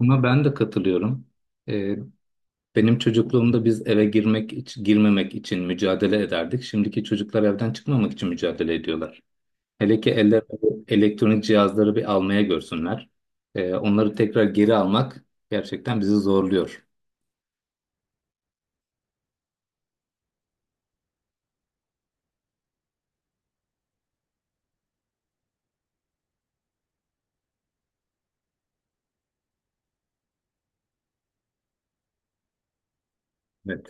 Buna ben de katılıyorum. Ee, benim çocukluğumda biz eve girmek girmemek için mücadele ederdik. Şimdiki çocuklar evden çıkmamak için mücadele ediyorlar. Hele ki eller bu elektronik cihazları bir almaya görsünler. Onları tekrar geri almak gerçekten bizi zorluyor. Evet.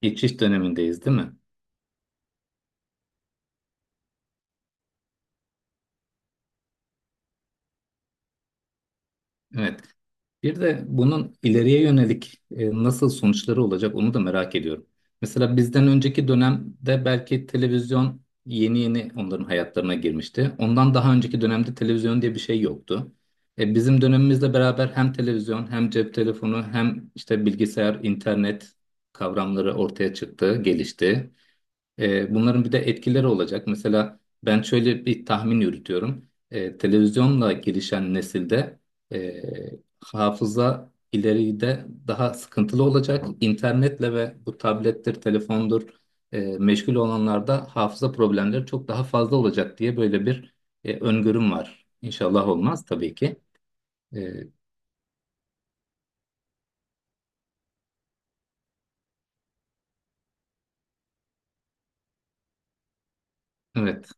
Geçiş dönemindeyiz, değil mi? Evet. Bir de bunun ileriye yönelik nasıl sonuçları olacak onu da merak ediyorum. Mesela bizden önceki dönemde belki televizyon yeni yeni onların hayatlarına girmişti. Ondan daha önceki dönemde televizyon diye bir şey yoktu. Bizim dönemimizle beraber hem televizyon hem cep telefonu hem işte bilgisayar, internet kavramları ortaya çıktı, gelişti. Bunların bir de etkileri olacak. Mesela ben şöyle bir tahmin yürütüyorum. Televizyonla gelişen nesilde e, hafıza ileride daha sıkıntılı olacak. İnternetle ve bu tablettir, telefondur meşgul olanlarda hafıza problemleri çok daha fazla olacak diye böyle bir öngörüm var. İnşallah olmaz tabii ki. E, evet,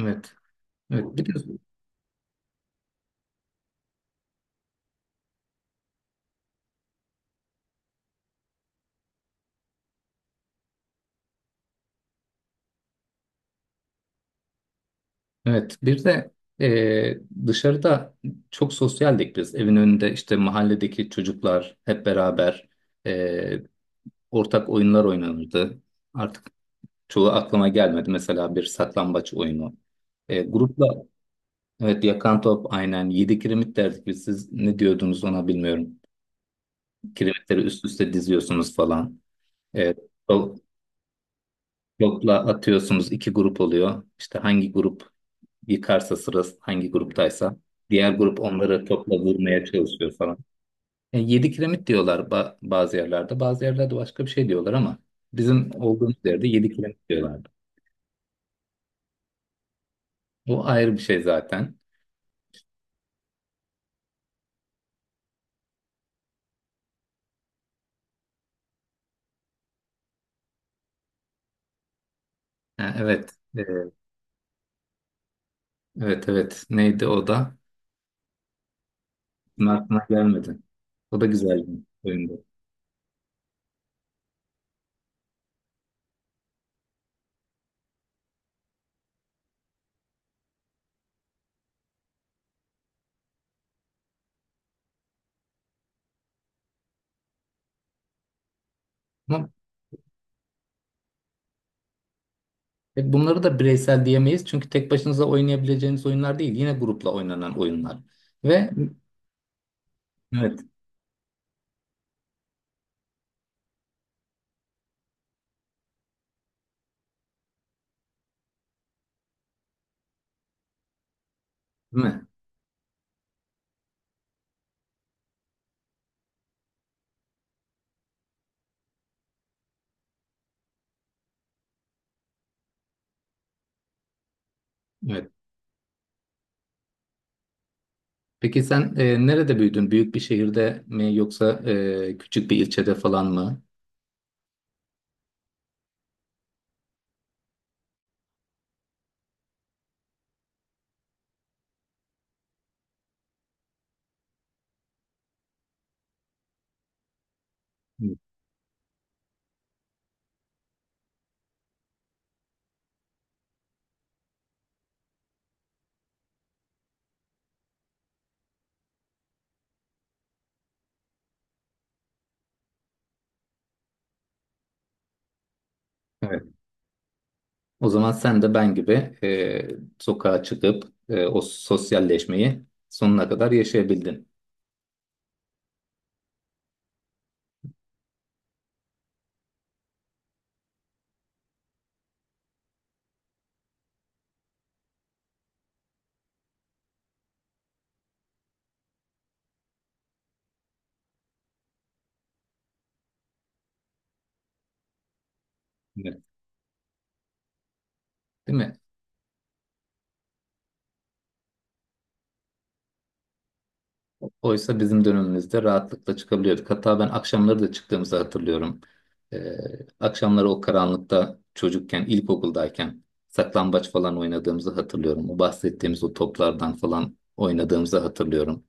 evet, evet. Bir de Evet, bir de eee, dışarıda çok sosyaldik biz. Evin önünde işte mahalledeki çocuklar hep beraber eee, ortak oyunlar oynanırdı. Artık çoğu aklıma gelmedi. Mesela bir saklambaç oyunu. Grupla evet, yakan top, aynen, yedi kiremit derdik biz. Siz ne diyordunuz ona bilmiyorum. Kiremitleri üst üste diziyorsunuz falan. Eee, top- topla atıyorsunuz, iki grup oluyor. İşte hangi grup yıkarsa, sırası hangi gruptaysa. Diğer grup onları topla vurmaya çalışıyor falan. Yani yedi kiremit diyorlar bazı yerlerde. Bazı yerlerde başka bir şey diyorlar ama bizim olduğumuz yerde yedi kiremit diyorlardı. Bu ayrı bir şey zaten. Ha, evet. Ee, evet evet. Neydi o da? Bunun aklına gelmedi. O da güzel bir oyundu. Ama bunları da bireysel diyemeyiz. Çünkü tek başınıza oynayabileceğiniz oyunlar değil. Yine grupla oynanan oyunlar. Ve evet. Değil mi? Evet. Peki sen nerede büyüdün? Büyük bir şehirde mi yoksa küçük bir ilçede falan mı? Hı. Evet. O zaman sen de ben gibi e, sokağa çıkıp o sosyalleşmeyi sonuna kadar yaşayabildin. Evet. Değil mi? Oysa bizim dönemimizde rahatlıkla çıkabiliyorduk. Hatta ben akşamları da çıktığımızı hatırlıyorum. E, akşamları o karanlıkta çocukken, ilkokuldayken saklambaç falan oynadığımızı hatırlıyorum. O bahsettiğimiz o toplardan falan oynadığımızı hatırlıyorum.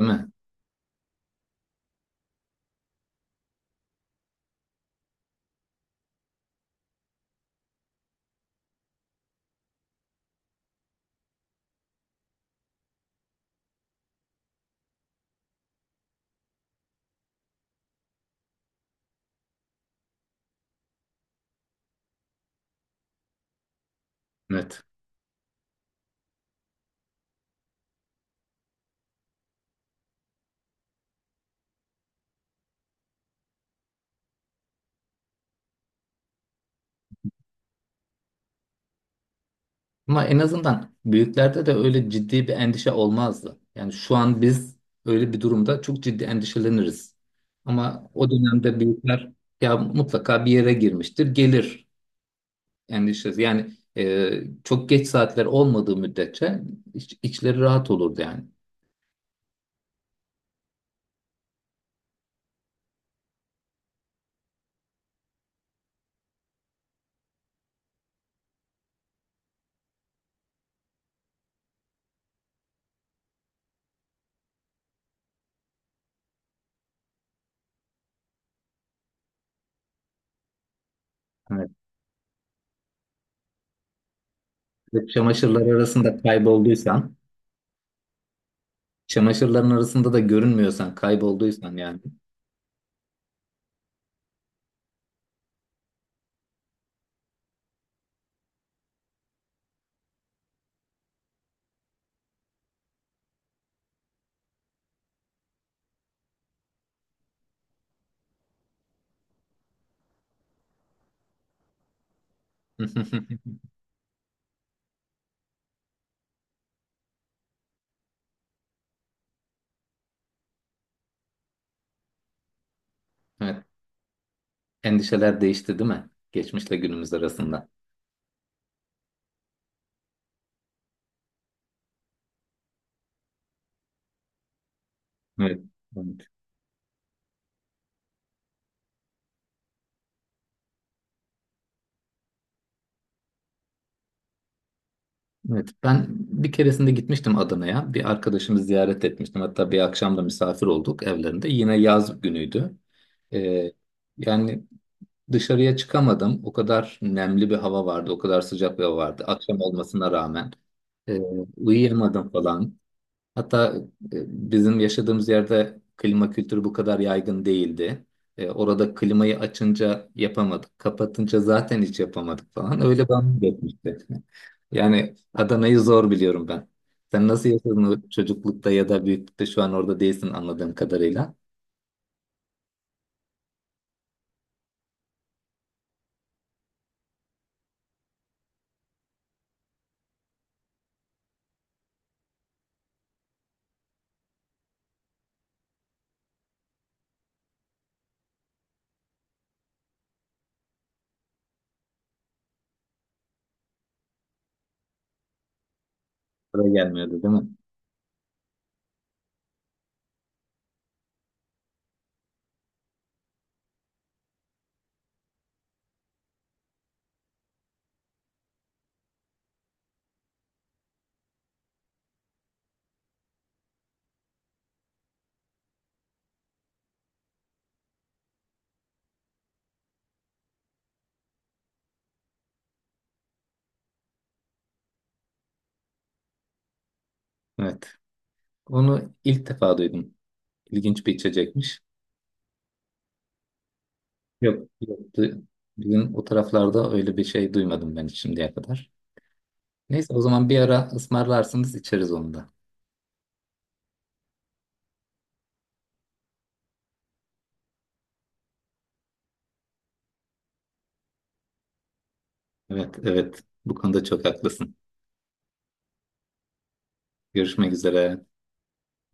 Değil mi? Evet. Ama en azından büyüklerde de öyle ciddi bir endişe olmazdı. Yani şu an biz öyle bir durumda çok ciddi endişeleniriz. Ama o dönemde büyükler ya mutlaka bir yere girmiştir, gelir endişesi. Yani çok geç saatler olmadığı müddetçe içleri rahat olurdu yani. Evet. Ve çamaşırlar arasında kaybolduysan, çamaşırların arasında da görünmüyorsan, kaybolduysan yani. Evet, endişeler değişti değil mi? Geçmişle günümüz arasında. Evet. Evet, ben bir keresinde gitmiştim Adana'ya. Bir arkadaşımı ziyaret etmiştim. Hatta bir akşam da misafir olduk evlerinde. Yine yaz günüydü. Ee, yani dışarıya çıkamadım. O kadar nemli bir hava vardı. O kadar sıcak bir hava vardı. Akşam olmasına rağmen. Ee, uyuyamadım falan. Hatta bizim yaşadığımız yerde klima kültürü bu kadar yaygın değildi. Orada klimayı açınca yapamadık. Kapatınca zaten hiç yapamadık falan. Öyle bana geçmişti. Yani Adana'yı zor biliyorum ben. Sen nasıl yaşadın o çocuklukta ya da büyüklükte şu an orada değilsin anladığım kadarıyla. Oraya gelmiyordu değil mi? Evet. Onu ilk defa duydum. İlginç bir içecekmiş. Yok, yoktu. Bizim o taraflarda öyle bir şey duymadım ben şimdiye kadar. Neyse o zaman bir ara ısmarlarsınız içeriz onu da. Evet, evet. Bu konuda çok haklısın. Görüşmek üzere.